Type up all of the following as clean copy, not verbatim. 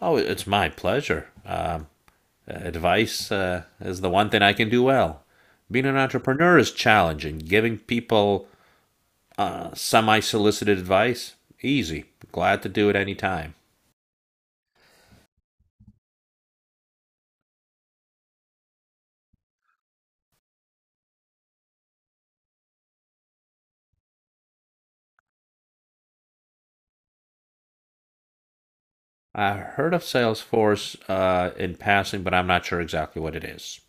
Oh, it's my pleasure. Advice is the one thing I can do well. Being an entrepreneur is challenging. Giving people semi-solicited advice, easy. Glad to do it any time. I heard of Salesforce in passing, but I'm not sure exactly what it is.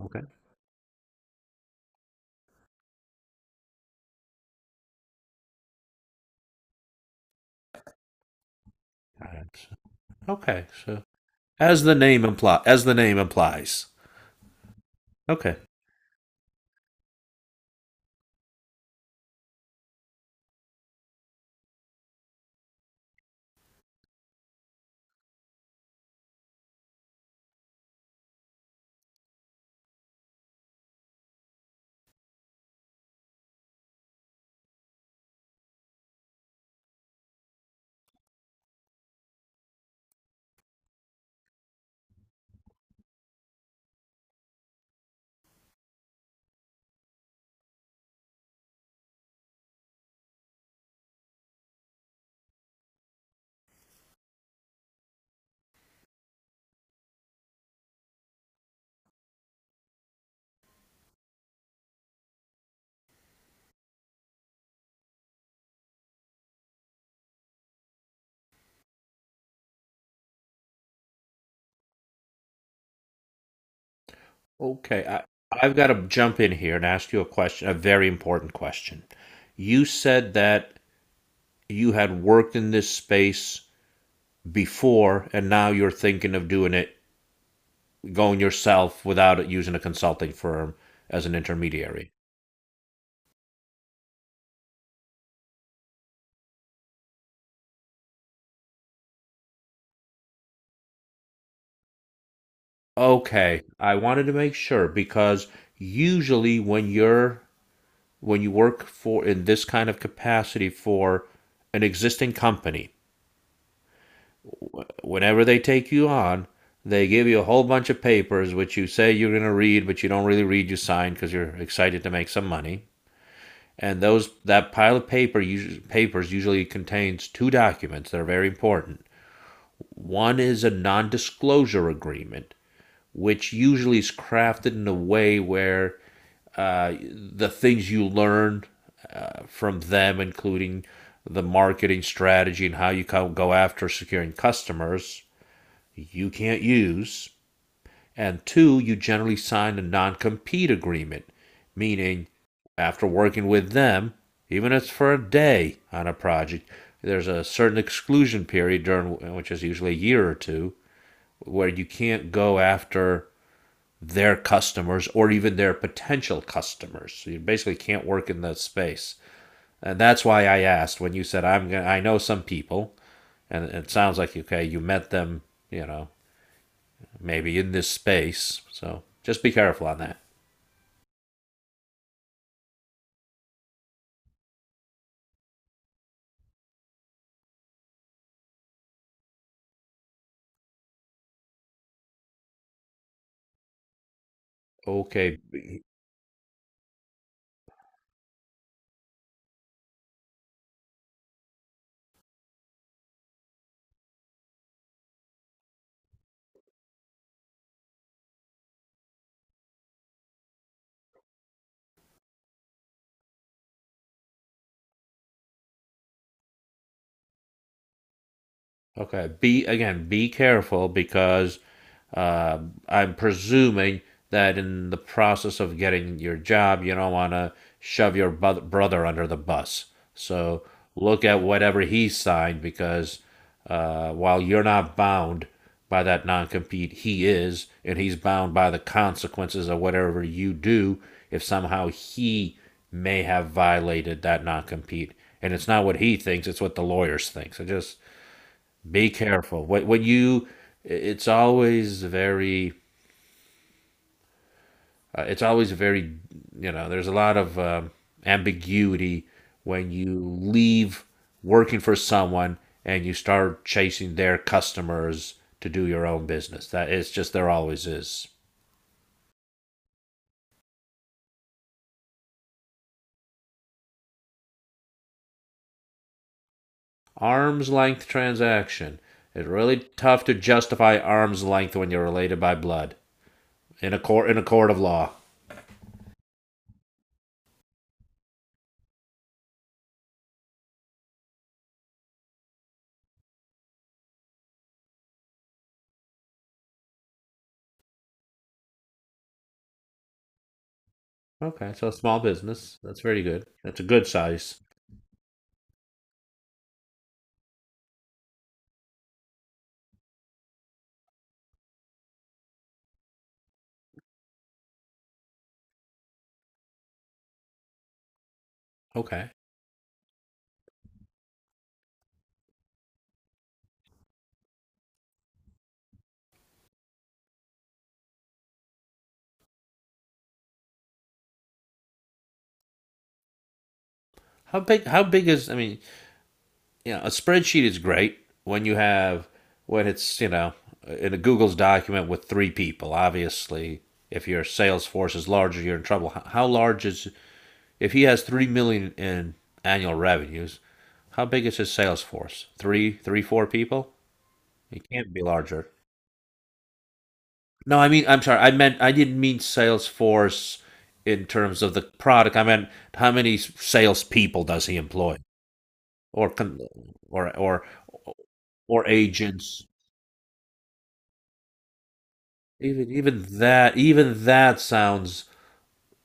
Okay. All right. Okay. So, as the name implies. Okay. Okay. I, I've got to jump in here and ask you a question, a very important question. You said that you had worked in this space before and now you're thinking of doing it going yourself without using a consulting firm as an intermediary. Okay, I wanted to make sure because usually when you're when you work for in this kind of capacity for an existing company, whenever they take you on, they give you a whole bunch of papers which you say you're going to read, but you don't really read, you sign because you're excited to make some money. And those that pile of paper usually, papers usually contains two documents that are very important. One is a non-disclosure agreement, which usually is crafted in a way where the things you learn from them, including the marketing strategy and how you go after securing customers, you can't use, and two, you generally sign a non compete agreement, meaning after working with them, even if it's for a day on a project, there's a certain exclusion period during which is usually a year or two where you can't go after their customers or even their potential customers. So you basically can't work in that space. And that's why I asked when you said I'm gonna I know some people and it sounds like okay, you met them, you know, maybe in this space. So just be careful on that. Okay. Okay. Be careful because uh, I'm presuming that in the process of getting your job, you don't want to shove your brother under the bus. So look at whatever he signed because while you're not bound by that non compete, he is, and he's bound by the consequences of whatever you do if somehow he may have violated that non compete. And it's not what he thinks, it's what the lawyers think. So just be careful. What you It's always very uh, it's always very you know, there's a lot of ambiguity when you leave working for someone and you start chasing their customers to do your own business. That it's just there always is. Arm's length transaction. It's really tough to justify arm's length when you're related by blood in a court of law. Okay, so small business. That's very good. That's a good size. Okay. How big? How big is? I mean, you know, a spreadsheet is great when you have when it's, you know, in a Google's document with three people. Obviously, if your sales force is larger, you're in trouble. How large is, if he has 3 million in annual revenues? How big is his sales force? Three, four people. It can't be larger. No, I mean, I'm sorry. I meant I didn't mean sales force in terms of the product. I meant how many salespeople does he employ, or con- or agents. Even that sounds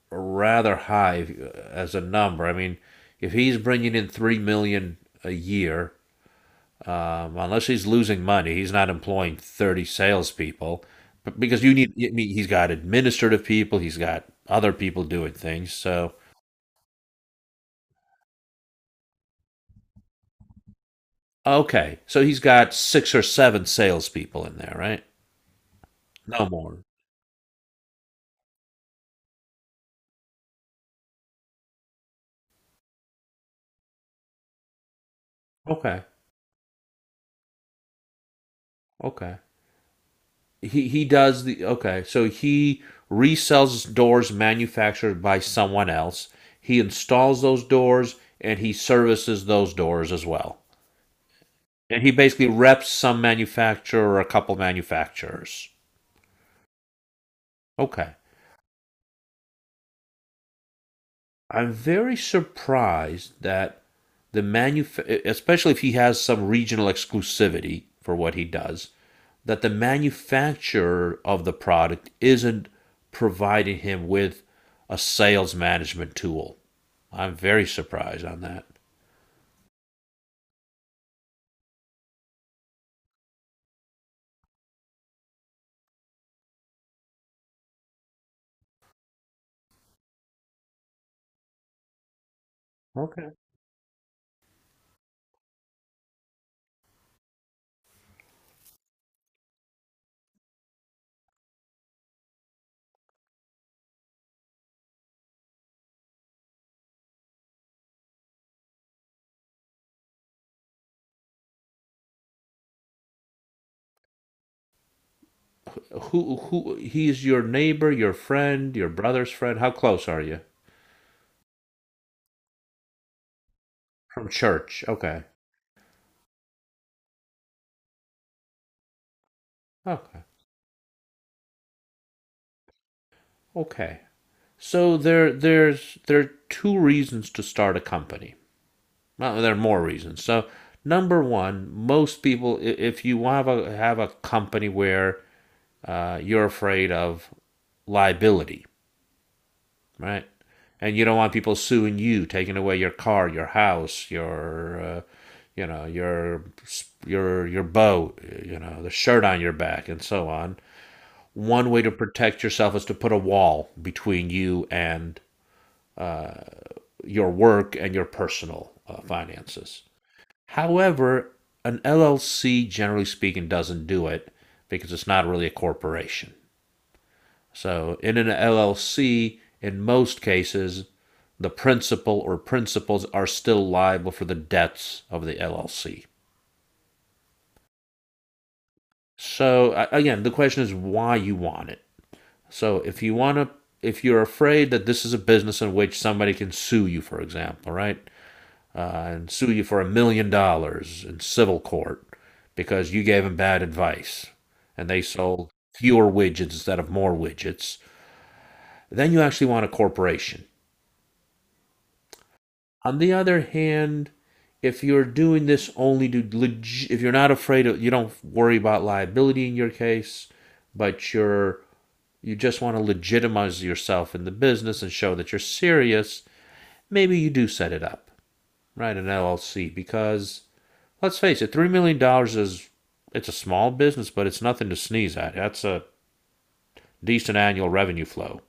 rather high as a number. I mean, if he's bringing in 3 million a year, unless he's losing money, he's not employing 30 salespeople. But because you need, I mean, he's got administrative people, he's got other people doing things. So okay, so he's got six or seven salespeople in there, right? No more. Okay, okay. He does the okay. So he resells doors manufactured by someone else. He installs those doors and he services those doors as well. And he basically reps some manufacturer or a couple manufacturers. Okay. I'm very surprised that the manuf especially if he has some regional exclusivity for what he does, that the manufacturer of the product isn't providing him with a sales management tool. I'm very surprised on that. Okay. Who, he's your neighbor, your friend, your brother's friend? How close are you? From church. Okay. Okay. Okay. So there are two reasons to start a company. Well, there are more reasons. So number one, most people, if you have a company where you're afraid of liability, right? And you don't want people suing you, taking away your car, your house, your, you know, your boat, you know, the shirt on your back, and so on. One way to protect yourself is to put a wall between you and uh, your work and your personal finances. However, an LLC, generally speaking, doesn't do it because it's not really a corporation. So, in an LLC, in most cases, the principal or principals are still liable for the debts of the LLC. So again, the question is why you want it. So if you're afraid that this is a business in which somebody can sue you, for example, right, uh, and sue you for $1 million in civil court because you gave them bad advice and they sold fewer widgets instead of more widgets, then you actually want a corporation. On the other hand, if you're doing this only to if you're not afraid of, you don't worry about liability in your case, but you're, you just want to legitimize yourself in the business and show that you're serious, maybe you do set it up, right? An LLC because let's face it, 3 million dollars is, it's a small business, but it's nothing to sneeze at. That's a decent annual revenue flow.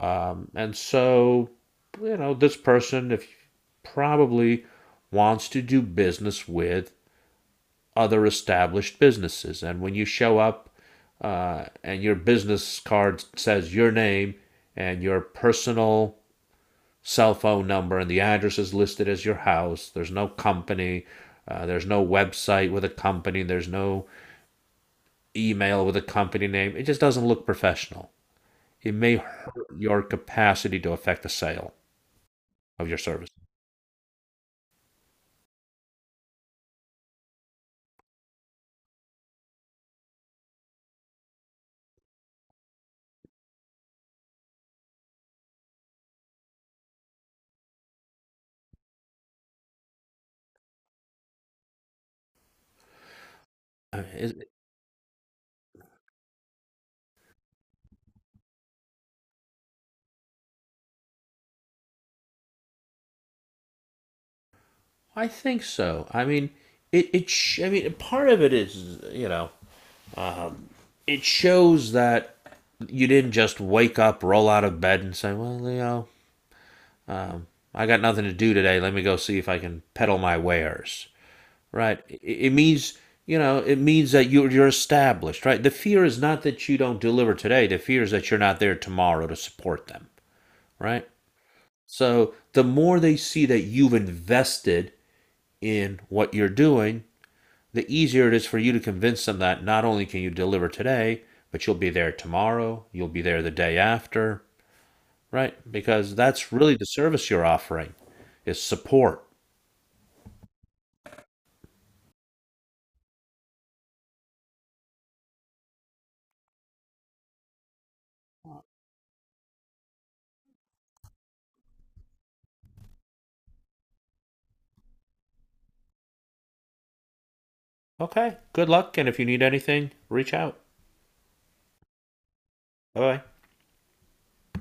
And so, you know, this person if probably wants to do business with other established businesses. And when you show up and your business card says your name and your personal cell phone number and the address is listed as your house, there's no company, there's no website with a company, there's no email with a company name, it just doesn't look professional. It may hurt your capacity to affect a sale of your service. Uh, is it- I think so. I mean, I mean, part of it is, you know, um, it shows that you didn't just wake up, roll out of bed, and say, "Well, you know, um, I got nothing to do today. Let me go see if I can peddle my wares." Right? It means, you know, it means that you're established, right? The fear is not that you don't deliver today. The fear is that you're not there tomorrow to support them, right? So the more they see that you've invested in what you're doing, the easier it is for you to convince them that not only can you deliver today, but you'll be there tomorrow, you'll be there the day after, right? Because that's really the service you're offering is support. Okay, good luck. And if you need anything, reach out. Bye bye.